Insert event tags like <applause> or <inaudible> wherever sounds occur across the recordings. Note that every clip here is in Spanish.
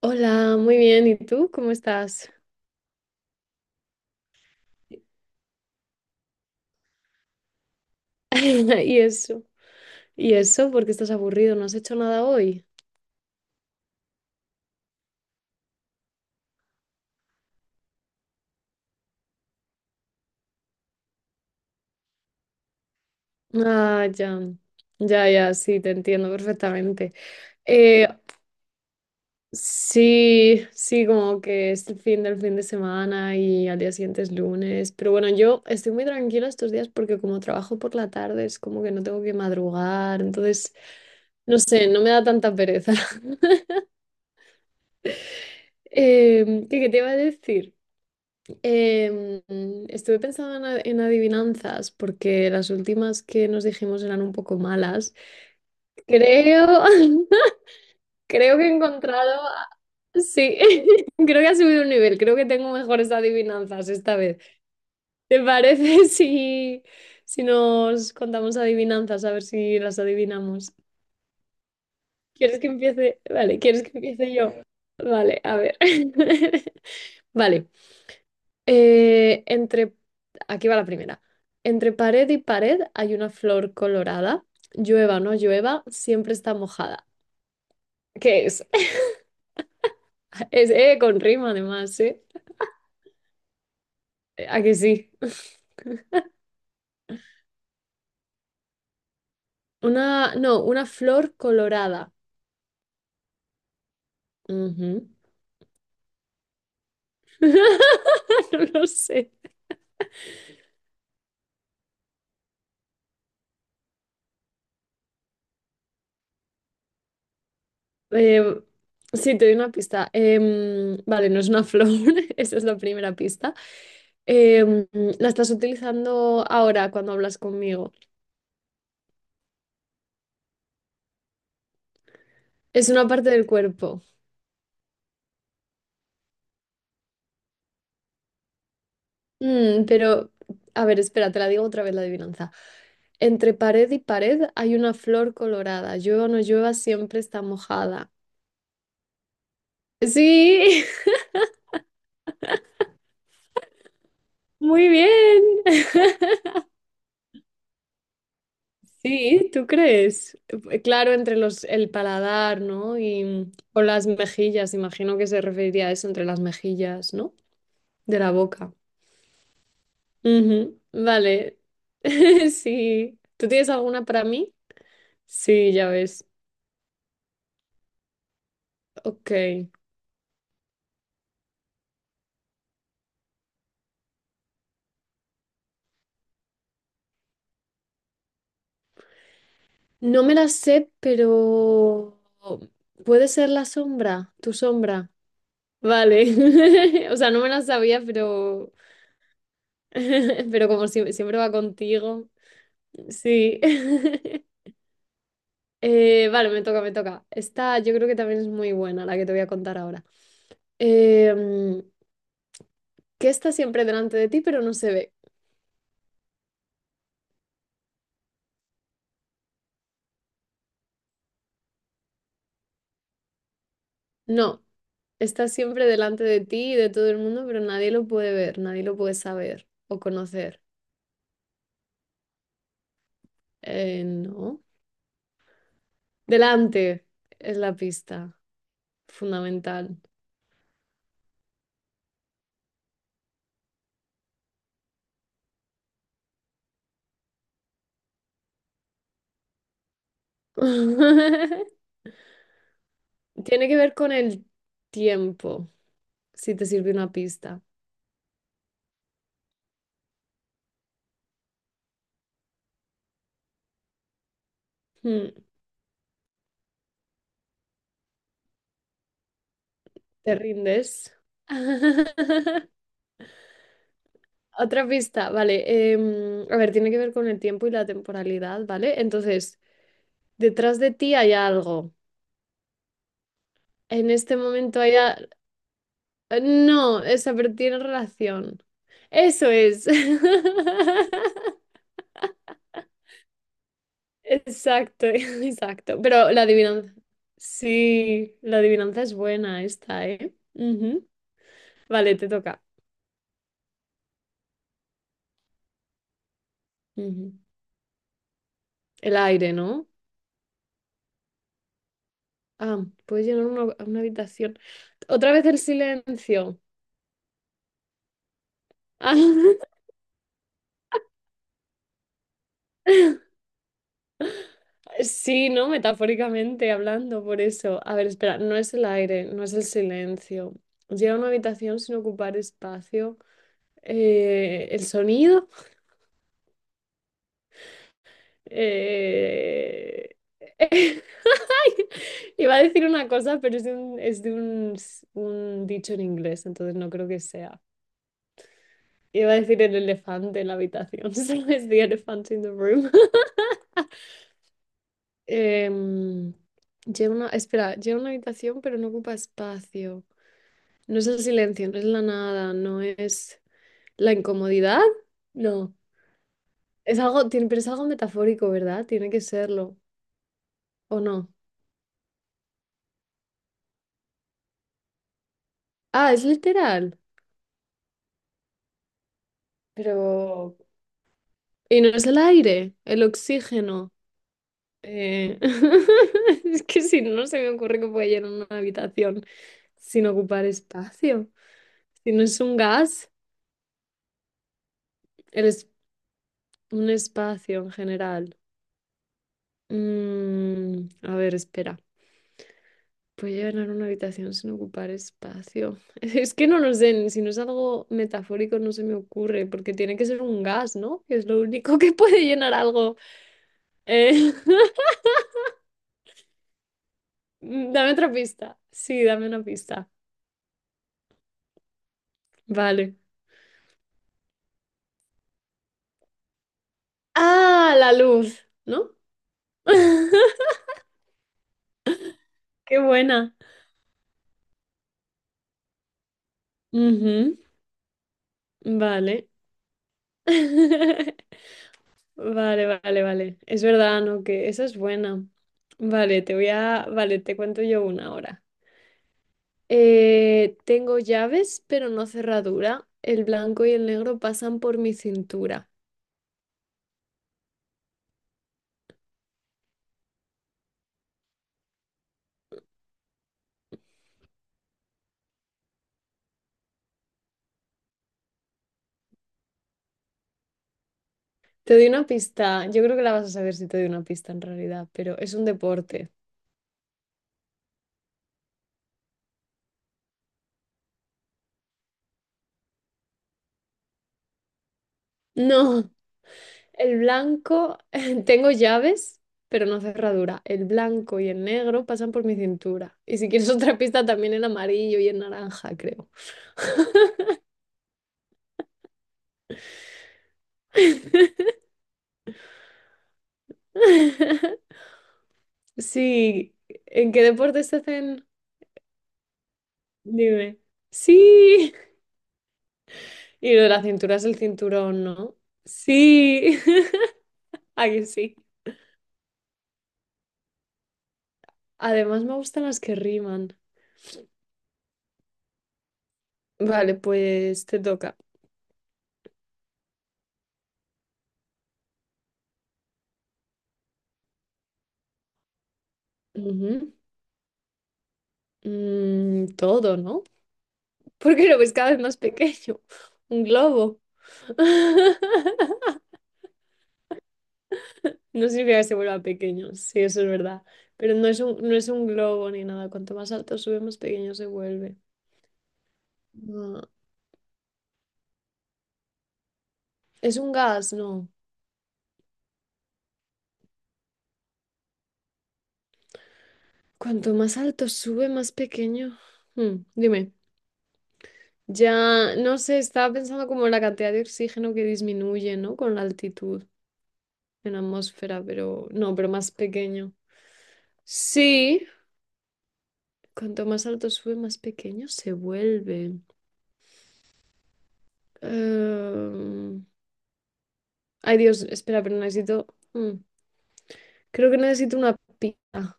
Hola, muy bien. ¿Y tú? ¿Cómo estás? <laughs> Y eso, y eso, porque estás aburrido, no has hecho nada hoy. Ah, ya, ya, ya, sí, te entiendo perfectamente. Eh, sí, sí, como que es el fin del fin de semana y al día siguiente es lunes. Pero bueno, yo estoy muy tranquila estos días porque como trabajo por la tarde es como que no tengo que madrugar, entonces, no sé, no me da tanta pereza. <laughs> ¿Qué te iba a decir? Em, Estuve pensando en adivinanzas porque las últimas que nos dijimos eran un poco malas. Creo, <laughs> creo que he encontrado, sí, <laughs> creo que ha subido un nivel, creo que tengo mejores adivinanzas esta vez. ¿Te parece <laughs> si nos contamos adivinanzas, a ver si las adivinamos? ¿Quieres que empiece? Vale, ¿quieres que empiece yo? Vale, a ver. <laughs> Vale. Eh, entre, Aquí va la primera. Entre pared y pared hay una flor colorada. Llueva o no llueva, siempre está mojada. ¿Qué es? <laughs> Es con rima además, ¿eh? ¿A que sí? <laughs> Una, no, una flor colorada. Ujú. <laughs> No lo sé. Eh, sí, te doy una pista. Vale, no es una flor, <laughs> esa es la primera pista. Em, la estás utilizando ahora cuando hablas conmigo. Es una parte del cuerpo. Mm, pero, a ver, espera, te la digo otra vez la adivinanza. Entre pared y pared hay una flor colorada. Llueva o no llueva, siempre está mojada. Sí, <laughs> muy bien. <laughs> Sí, ¿tú crees? Claro, el paladar, ¿no? O las mejillas, imagino que se referiría a eso, entre las mejillas, ¿no? De la boca. Ujú, vale. <laughs> Sí. ¿Tú tienes alguna para mí? Sí, ya ves. Ok. No me las sé, pero puede ser la sombra, tu sombra. Vale. <laughs> O sea, no me las sabía, pero <laughs> pero como siempre va contigo. Sí. <laughs> Vale, me toca, me toca. Esta yo creo que también es muy buena, la que te voy a contar ahora. Em, ¿Qué está siempre delante de ti, pero no se ve? No, está siempre delante de ti y de todo el mundo, pero nadie lo puede ver, nadie lo puede saber o conocer. No. Delante es la pista fundamental. <laughs> Tiene que ver con el tiempo, si te sirve una pista. Hmm, ¿te rindes? <laughs> Otra pista, vale. A ver, tiene que ver con el tiempo y la temporalidad, ¿vale? Entonces, detrás de ti hay algo. En este momento no, esa, pero tiene relación. Eso es. <laughs> Exacto, <laughs> exacto. Pero la adivinanza. Sí, la adivinanza es buena esta, ¿eh? Ujú. Vale, te toca. Ujú. El aire, ¿no? Ah, puedes llenar una habitación. Otra vez el silencio. Ah, <laughs> sí, ¿no? Metafóricamente hablando, por eso. A ver, espera, no es el aire, no es el silencio. Llena una habitación sin ocupar espacio. ¿El sonido? Eh, <laughs> iba a decir una cosa, pero es un dicho en inglés, entonces no creo que sea. Iba a decir el elefante en la habitación, <laughs> ¿sabes? The elephant in the room. <laughs> Em, Lleva una, espera, lleva una habitación, pero no ocupa espacio. No es el silencio, no es la nada, no es la incomodidad. No. Es algo, tiene, pero es algo metafórico, ¿verdad? Tiene que serlo, ¿o no? Ah, es literal. Pero, y no es el aire, el oxígeno. Eh, <laughs> es que si no, no se me ocurre que pueda llenar una habitación sin ocupar espacio. Si no es un gas, el es un espacio en general. Mm, a ver, espera. ¿Puedo llenar una habitación sin ocupar espacio? <laughs> Es que no lo sé, ni si no es algo metafórico no se me ocurre, porque tiene que ser un gas, ¿no? Que es lo único <laughs> que puede llenar algo. Eh, <laughs> dame otra pista. Sí, dame una pista. Vale. Ah, la luz, ¿no? <laughs> Qué buena. Ujú, vale. <laughs> Vale, vale, vale. Es verdad, ¿no? Que esa es buena. Vale, te voy vale, te cuento yo una ahora. Tengo llaves, pero no cerradura. El blanco y el negro pasan por mi cintura. Te doy una pista. Yo creo que la vas a saber si te doy una pista en realidad, pero es un deporte. No. El blanco, <laughs> tengo llaves, pero no cerradura. El blanco y el negro pasan por mi cintura. Y si quieres <laughs> otra pista, también el amarillo y el naranja, creo. <laughs> Sí, ¿en qué deportes se hacen? Dime. Sí. <laughs> Y lo de la cintura es el cinturón, ¿no? Sí. <laughs> Ahí sí. Además me gustan las que riman. Vale, pues te toca. Ujú. Mm, todo, ¿no? <laughs> Porque lo ves cada vez más pequeño. Un globo. <laughs> No significa que se vuelva pequeño, sí, eso es verdad. Pero no es un, no es un globo ni nada. Cuanto más alto sube, más pequeño se vuelve. No. Es un gas, no. Cuanto más alto sube, más pequeño. Hmm, dime. Ya, no sé, estaba pensando como en la cantidad de oxígeno que disminuye, ¿no? Con la altitud en la atmósfera, pero no, pero más pequeño. Sí, cuanto más alto sube, más pequeño se vuelve. Em, Ay, Dios, espera, pero necesito. mm, Creo que necesito una pista.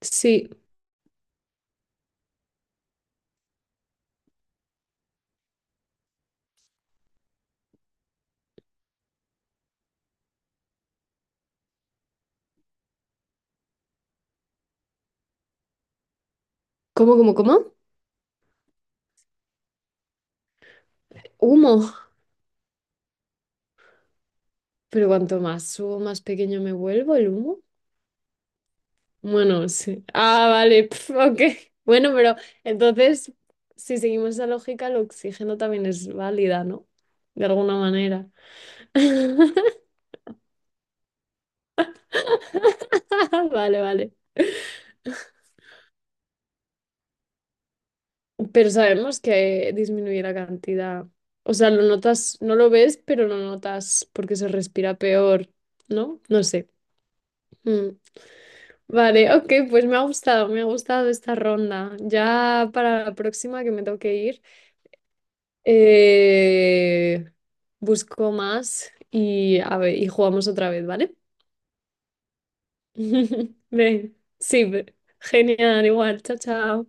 Sí. ¿Cómo, cómo, cómo? Humo. Pero cuanto más humo, más pequeño me vuelvo el humo. Bueno, sí. Ah, vale. <laughs> pf, ok. Bueno, pero entonces, si seguimos esa lógica, el oxígeno también es válida, ¿no? De alguna manera. <laughs> Vale, vale. Pero sabemos que disminuye la cantidad. O sea, lo notas, no lo ves, pero lo notas porque se respira peor, ¿no? No sé. Mm. Vale, ok, pues me ha gustado esta ronda. Ya para la próxima que me toque ir, eh, busco más y, a ver, y jugamos otra vez, ¿vale? <laughs> Ven, sí, genial, igual, chao, chao.